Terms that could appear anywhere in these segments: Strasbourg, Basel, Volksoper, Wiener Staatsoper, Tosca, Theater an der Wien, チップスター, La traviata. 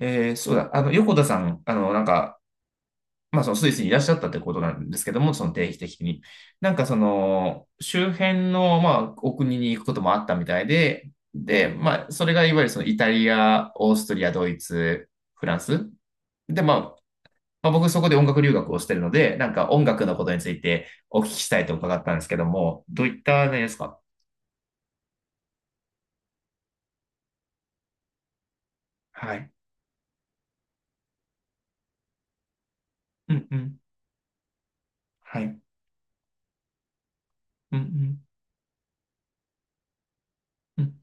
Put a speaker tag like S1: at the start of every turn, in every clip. S1: えー、そうだ、あの、横田さん、そのスイスにいらっしゃったってことなんですけども、その定期的に。周辺の、お国に行くこともあったみたいで、で、それがいわゆるそのイタリア、オーストリア、ドイツ、フランス。で、まあ、まあ、僕そこで音楽留学をしてるので、音楽のことについてお聞きしたいと伺ったんですけども、どういったねですか。はい。うんうん。はい。うんうん。うん。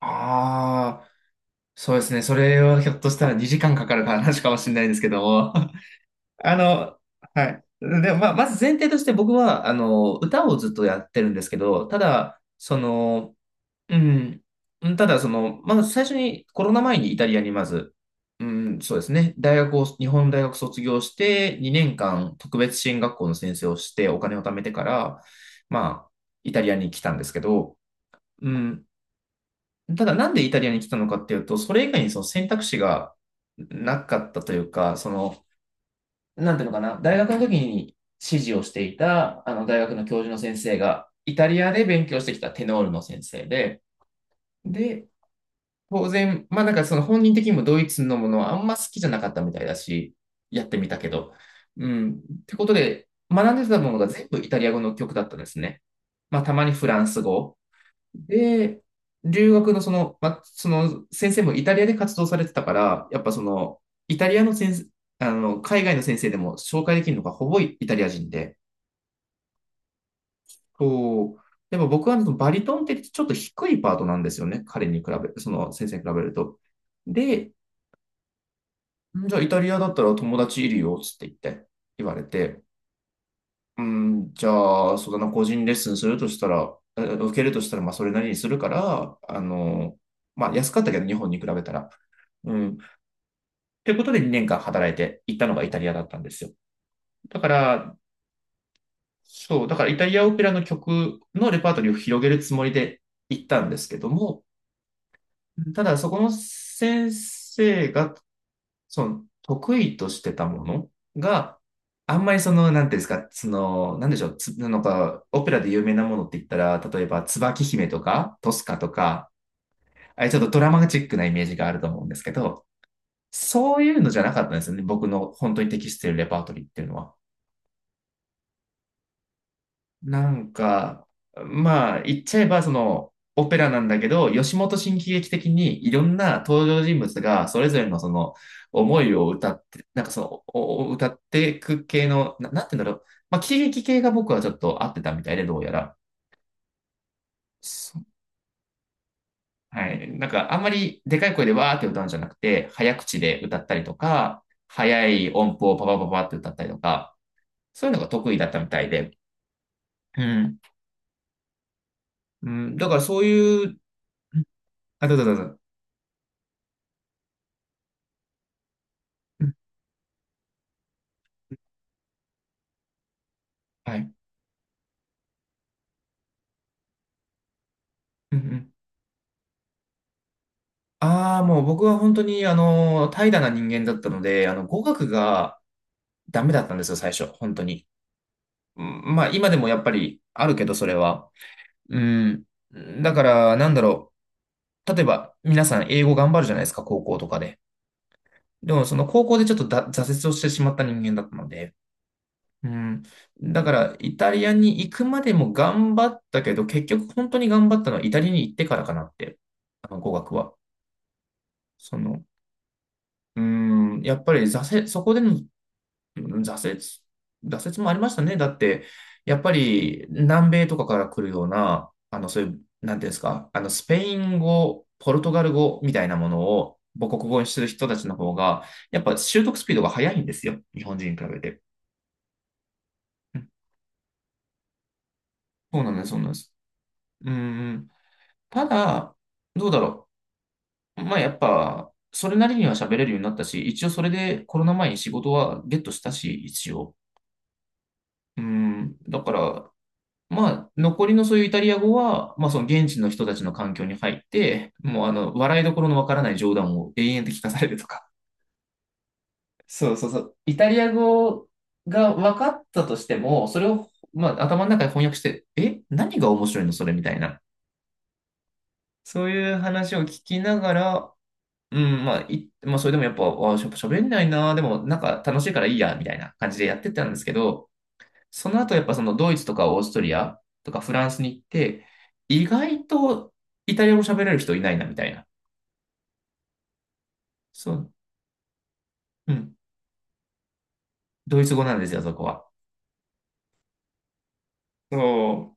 S1: ああ。そうですね。それはひょっとしたら2時間かかる話かもしれないですけども。あの、はい。でも、まあ、まず前提として僕は、歌をずっとやってるんですけど、ただ、うん、うんただ、最初にコロナ前にイタリアにまず、うん、そうですね。大学を、日本大学卒業して、2年間特別支援学校の先生をして、お金を貯めてから、まあ、イタリアに来たんですけど、うん、ただなんでイタリアに来たのかっていうと、それ以外にその選択肢がなかったというか、なんていうのかな、大学の時に指示をしていた、大学の教授の先生が、イタリアで勉強してきたテノールの先生で、で、当然、その本人的にもドイツのものはあんま好きじゃなかったみたいだし、やってみたけど、うん、ってことで、学んでたものが全部イタリア語の曲だったんですね。まあたまにフランス語、で、留学のその、その先生もイタリアで活動されてたから、やっぱその、イタリアの先生、海外の先生でも紹介できるのがほぼイタリア人で、こう、でも僕はねそのバリトンってちょっと低いパートなんですよね。彼に比べ、その先生に比べると。で、じゃあイタリアだったら友達いるよ、つって言って、言われて。うん、じゃあ、そうだな、個人レッスンするとしたら、え受けるとしたら、それなりにするから、安かったけど、日本に比べたら。うん。ということで、2年間働いて行ったのがイタリアだったんですよ。だから、そう、だからイタリアオペラの曲のレパートリーを広げるつもりで行ったんですけども、ただ、そこの先生がその得意としてたものが、あんまりその、なんていうんですか、なんでしょう、つなんか、オペラで有名なものって言ったら、例えば、椿姫とか、トスカとか、あれちょっとドラマチックなイメージがあると思うんですけど、そういうのじゃなかったんですよね、僕の本当に適しているレパートリーっていうのは。なんか、言っちゃえば、オペラなんだけど、吉本新喜劇的にいろんな登場人物がそれぞれのその思いを歌って、なんかその、おお歌っていく系の、なんて言うんだろう。まあ、喜劇系が僕はちょっと合ってたみたいで、どうやら。そうはい。なんか、あんまりでかい声でわーって歌うんじゃなくて、早口で歌ったりとか、早い音符をパパパパって歌ったりとか、そういうのが得意だったみたいで。うん。うん、だからそういう、あ、どうぞどうぞ。はい。うんうん。ああ、もう僕は本当に、怠惰な人間だったので、語学がダメだったんですよ、最初、本当に。今でもやっぱりあるけど、それは。うん。だから、なんだろう。例えば、皆さん英語頑張るじゃないですか、高校とかで。でも、その高校でちょっとだ挫折をしてしまった人間だったので。うん。だから、イタリアに行くまでも頑張ったけど、結局本当に頑張ったのはイタリアに行ってからかなって、語学は。その、うーやっぱり挫折、そこでのうん挫折、挫折もありましたね。だって、やっぱり南米とかから来るような、あの、そういう、なんていうんですか、スペイン語、ポルトガル語みたいなものを母国語にする人たちの方が、やっぱ習得スピードが速いんですよ。日本人に比べて。うんそうなんです、そうなんです。うーん、ただ、どうだろう。まあ、やっぱ、それなりには喋れるようになったし、一応それでコロナ前に仕事はゲットしたし、一応。うん、だから、残りのそういうイタリア語は、その現地の人たちの環境に入って、もう笑いどころのわからない冗談を延々と聞かされるとか。そうそうそう。イタリア語が分かったとしても、それを、頭の中で翻訳して、え、何が面白いのそれみたいな。そういう話を聞きながら、うん、まあ、い、まあ、それでもやっぱ、喋んないな、でも、なんか楽しいからいいや、みたいな感じでやってたんですけど、その後やっぱそのドイツとかオーストリアとかフランスに行って、意外とイタリア語喋れる人いないなみたいな。そう、うん。ドイツ語なんですよ、そこは。そう、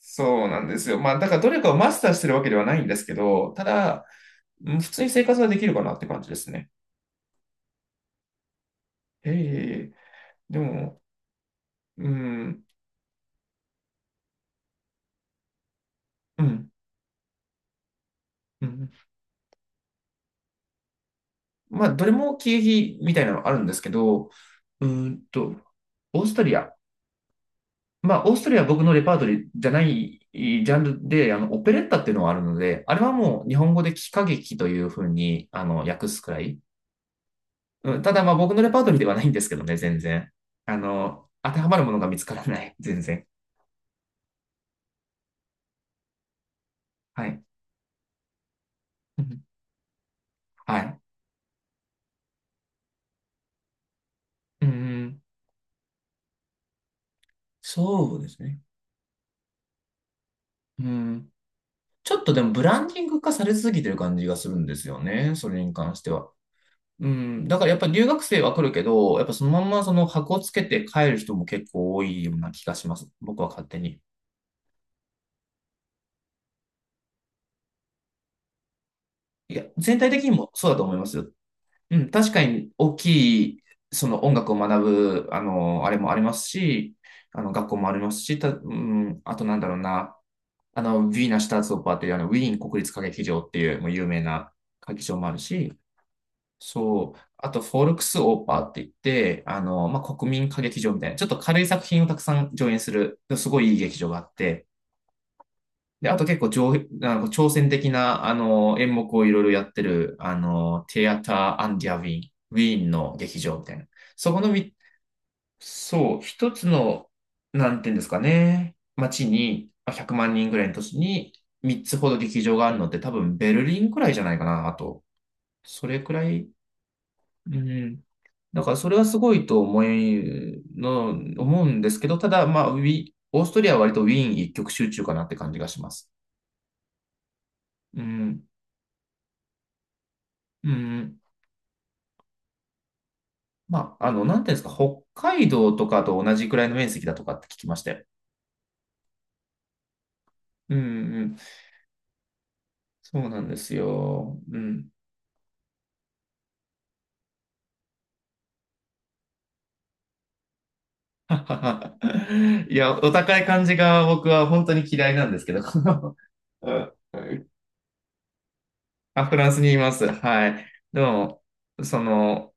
S1: そうなんですよ。まあ、だからどれかをマスターしてるわけではないんですけど、ただ、うん普通に生活はできるかなって感じですね。ええ、でも、うん、うん、うん。まあ、どれも経費みたいなのあるんですけど、うーんと、オーストリアまあ、オーストリアは僕のレパートリーじゃないジャンルで、オペレッタっていうのがあるので、あれはもう日本語で喜歌劇というふうに、訳すくらい。うん、ただ、まあ、僕のレパートリーではないんですけどね、全然。当てはまるものが見つからない、全然。はい。うんはい。うん。そうですね。うん。ちょっとでも、ブランディング化されすぎてる感じがするんですよね、それに関しては。うん、だからやっぱ留学生は来るけど、やっぱそのまんまその箱をつけて帰る人も結構多いような気がします。僕は勝手に。いや、全体的にもそうだと思いますよ。うん、確かに大きい、その音楽を学ぶ、あれもありますし、学校もありますし、た、うん、あとなんだろうな、ウィーナ・シュターツオッパーっていう、ウィーン国立歌劇場っていう、もう有名な歌劇場もあるし、そう。あと、フォルクスオーパーって言って、国民歌劇場みたいな、ちょっと軽い作品をたくさん上演する、すごいいい劇場があって、で、あと結構上、なんか挑戦的な、演目をいろいろやってる、テアター・アンディア・ウィーン、ウィーンの劇場みたいな。そこのみ、そう、一つの、なんていうんですかね、街に、まあ、100万人ぐらいの都市に、3つほど劇場があるので、多分ベルリンくらいじゃないかな、あと。それくらい、うん。だからそれはすごいと思いの、思うんですけど、ただ、オーストリアは割とウィーン一極集中かなって感じがします。うん。うん。なんていうんですか、北海道とかと同じくらいの面積だとかって聞きましたよ。うんうん。そうなんですよ。うん。いや、お高い感じが僕は本当に嫌いなんですけど。うんあ、フランスにいます。はい。でも、その、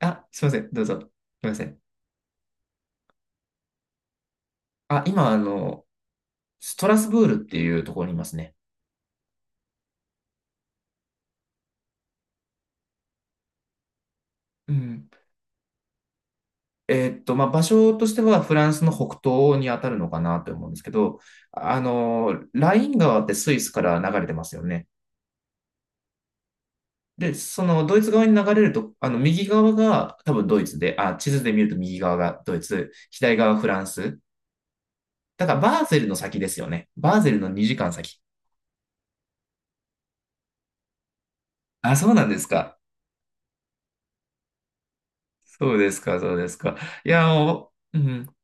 S1: あ、すいません。どうぞ。すいません。あ、今、ストラスブールっていうところにいますね。うん。えーっと、まあ、場所としてはフランスの北東に当たるのかなと思うんですけど、ライン川ってスイスから流れてますよね。で、そのドイツ側に流れると、右側が多分ドイツで、あ、地図で見ると右側がドイツ、左側がフランス。だからバーゼルの先ですよね。バーゼルの2時間先。あ、そうなんですか。そうですか、そうですか。いや、もう、うん。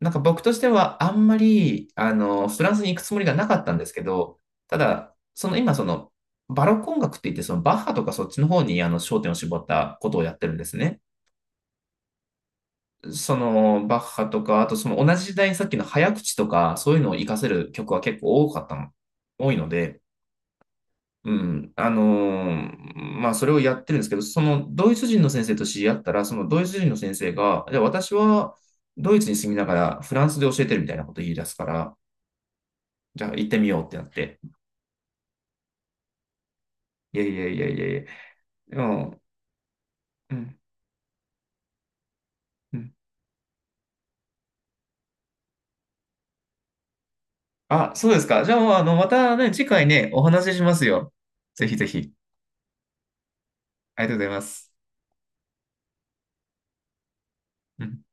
S1: なんか僕としてはあんまり、フランスに行くつもりがなかったんですけど、ただ、その今その、バロック音楽って言って、そのバッハとかそっちの方にあの焦点を絞ったことをやってるんですね。そのバッハとか、あとその同じ時代にさっきの早口とか、そういうのを活かせる曲は結構多かったの、多いので、うん、あのまあそれをやってるんですけど、そのドイツ人の先生と知り合ったら、そのドイツ人の先生が、私はドイツに住みながらフランスで教えてるみたいなことを言い出すから、じゃあ行ってみようってなって。いやいやいやいやいや。でも、うん、うん。あ、そうですか。じゃあ、またね、次回ね、お話ししますよ。ぜひぜひ。ありがとうございます。うん